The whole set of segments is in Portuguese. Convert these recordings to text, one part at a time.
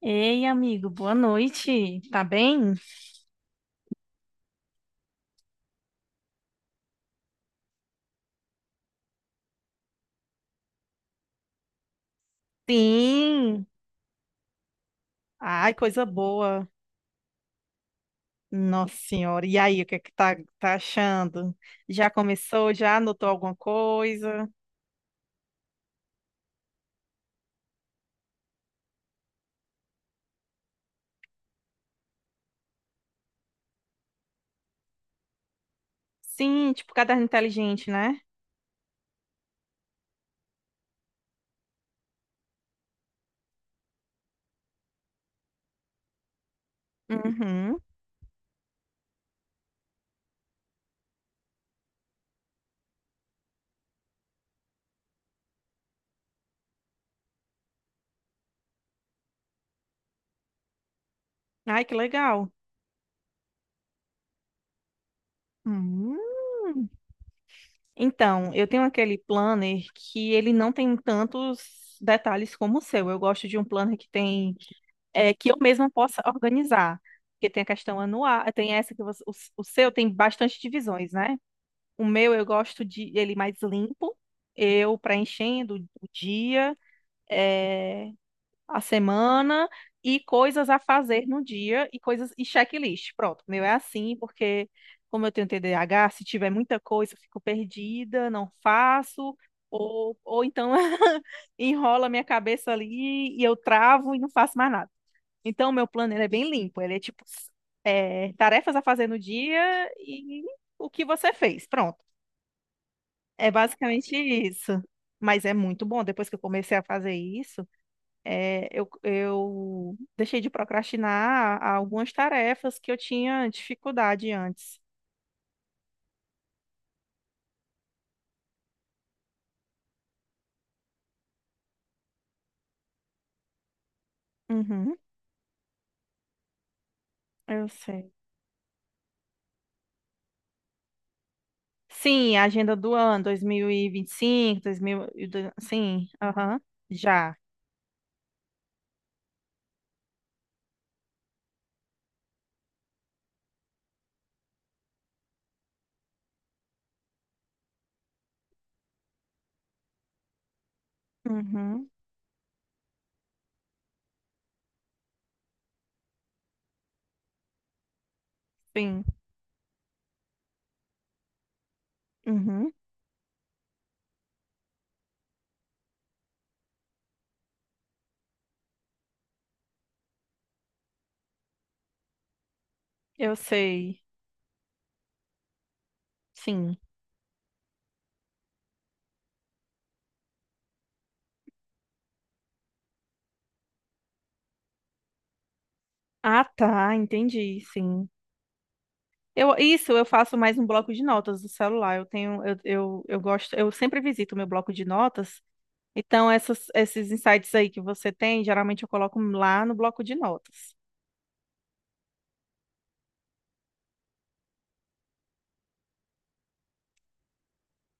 Ei, amigo, boa noite. Tá bem? Sim. Ai, coisa boa. Nossa Senhora. E aí, o que é que tá achando? Já começou? Já anotou alguma coisa? Sim, tipo caderno inteligente, né? Uhum. Ai, que legal. Hum. Então, eu tenho aquele planner que ele não tem tantos detalhes como o seu. Eu gosto de um planner que tem que eu mesma possa organizar. Porque tem a questão anual, tem essa que o seu tem bastante divisões, né? O meu eu gosto de ele mais limpo, eu preenchendo o dia, é, a semana e coisas a fazer no dia e coisas e checklist. Pronto, o meu é assim, porque como eu tenho TDAH, se tiver muita coisa, eu fico perdida, não faço. Ou então enrola minha cabeça ali e eu travo e não faço mais nada. Então, o meu plano ele é bem limpo. Ele é é, tarefas a fazer no dia e o que você fez. Pronto. É basicamente isso. Mas é muito bom. Depois que eu comecei a fazer isso, é, eu deixei de procrastinar algumas tarefas que eu tinha dificuldade antes. Uhum, eu sei. Sim, a agenda do ano, 2000 e vinte e cinco, dois mil, e do- sim, aham, já. Uhum, sim, uhum, eu sei, sim. Ah, tá, entendi, sim. Eu, isso, eu faço mais um bloco de notas do celular. Eu tenho, eu gosto, eu sempre visito o meu bloco de notas. Então, esses insights aí que você tem, geralmente eu coloco lá no bloco de notas.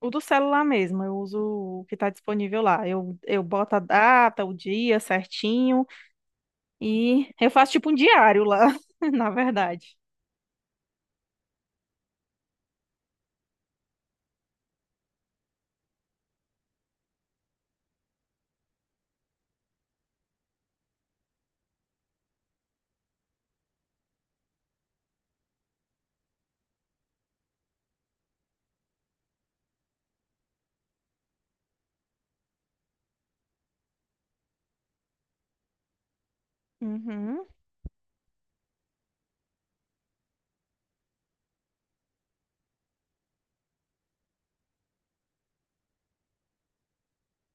O do celular mesmo, eu uso o que está disponível lá. Eu boto a data, o dia certinho e eu faço tipo um diário lá, na verdade. Uhum.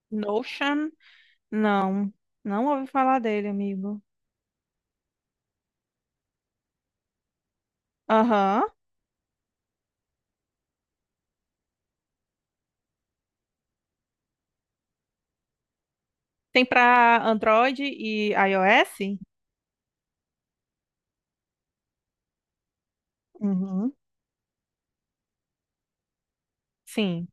Notion, não, não ouvi falar dele, amigo. Aham. Tem para Android e iOS? Uhum. Sim.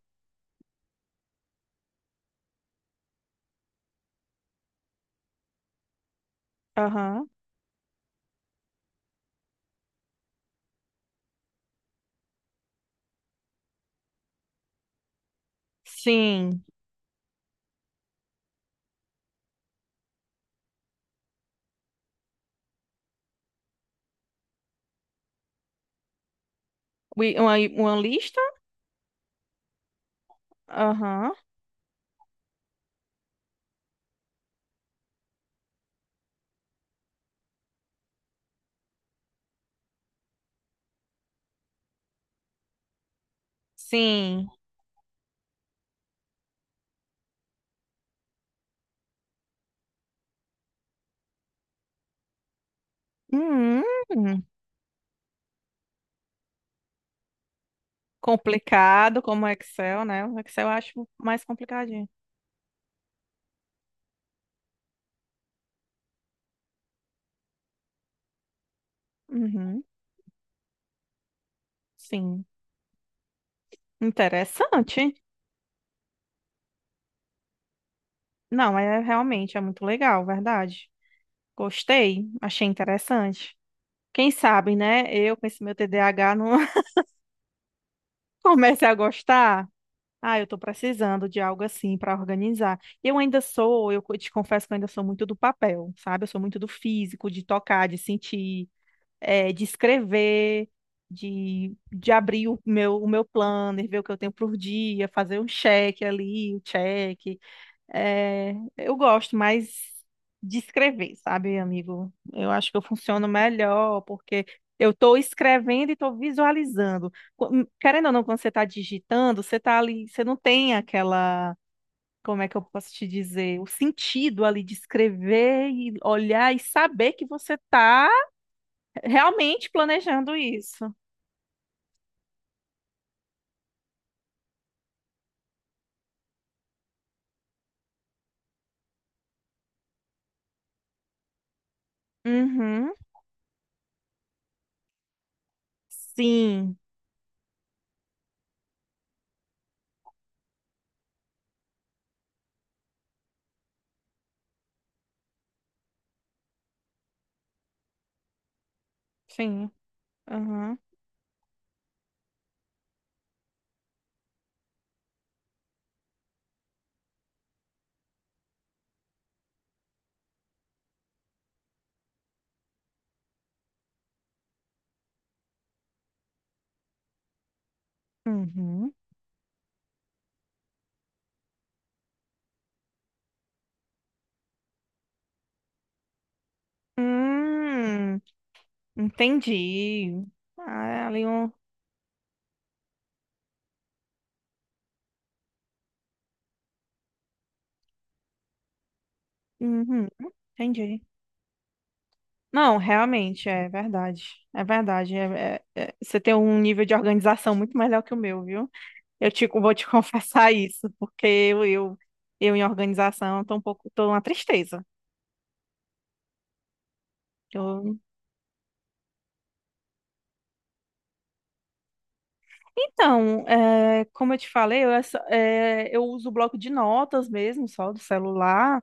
Aham. Sim. Uma lista? Aham. Sim. Hum, complicado como o Excel, né? O Excel eu acho mais complicadinho. Uhum. Sim. Interessante. Não, é realmente é muito legal, verdade. Gostei, achei interessante. Quem sabe, né? Eu com esse meu TDAH não comece a gostar. Ah, eu estou precisando de algo assim para organizar. Eu ainda sou, te confesso que eu ainda sou muito do papel, sabe? Eu sou muito do físico, de tocar, de sentir, de escrever, de abrir o meu planner, ver o que eu tenho por dia, fazer um check ali, o check. É, eu gosto mais de escrever, sabe, amigo? Eu acho que eu funciono melhor porque eu estou escrevendo e estou visualizando. Co- Querendo ou não, quando você está digitando, você está ali, você não tem aquela, como é que eu posso te dizer, o sentido ali de escrever e olhar e saber que você está realmente planejando isso. Uhum. Sim, sim. Uhum. Uhum. Hum. Entendi. Ah, é ali um. Uhum, entendi. Não, realmente, é verdade. É verdade. Você tem um nível de organização muito melhor que o meu, viu? Vou te confessar isso, porque eu em organização tô um pouco, tô uma tristeza. Eu- então, é, como eu te falei, é, eu uso o bloco de notas mesmo, só do celular.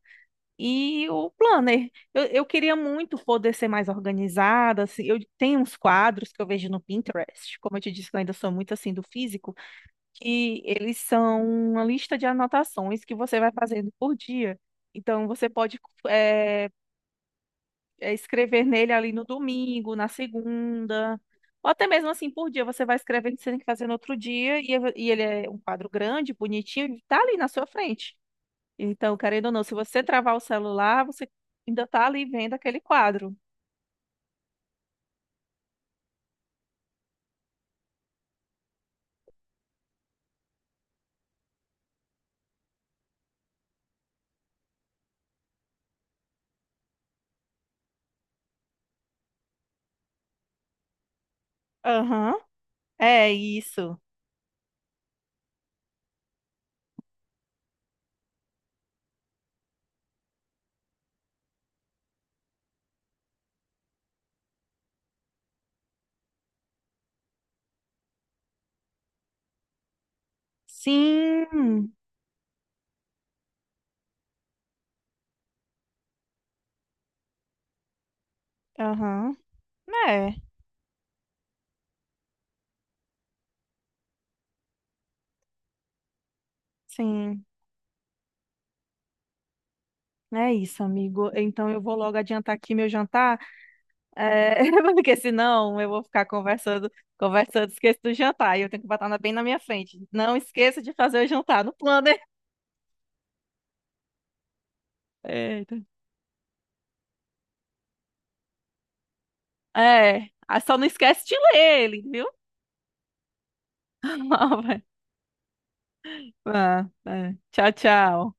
E o planner. Eu queria muito poder ser mais organizada. Assim, eu tenho uns quadros que eu vejo no Pinterest, como eu te disse, que eu ainda sou muito assim do físico, que eles são uma lista de anotações que você vai fazendo por dia. Então, você pode eh, escrever nele ali no domingo, na segunda, ou até mesmo assim por dia. Você vai escrevendo, você tem que fazer no outro dia, e ele é um quadro grande, bonitinho, e tá ali na sua frente. Então, querendo ou não, se você travar o celular, você ainda está ali vendo aquele quadro. Aham. É isso. Sim. Aham. É. Sim. É isso, amigo. Então eu vou logo adiantar aqui meu jantar, é, porque senão eu vou ficar conversando, conversando, esqueço do jantar e eu tenho que bem na minha frente. Não esqueça de fazer o jantar no planner. Eita. É, ah, só não esquece de ler ele, viu? Ah, vai. Ah, é. Tchau, tchau.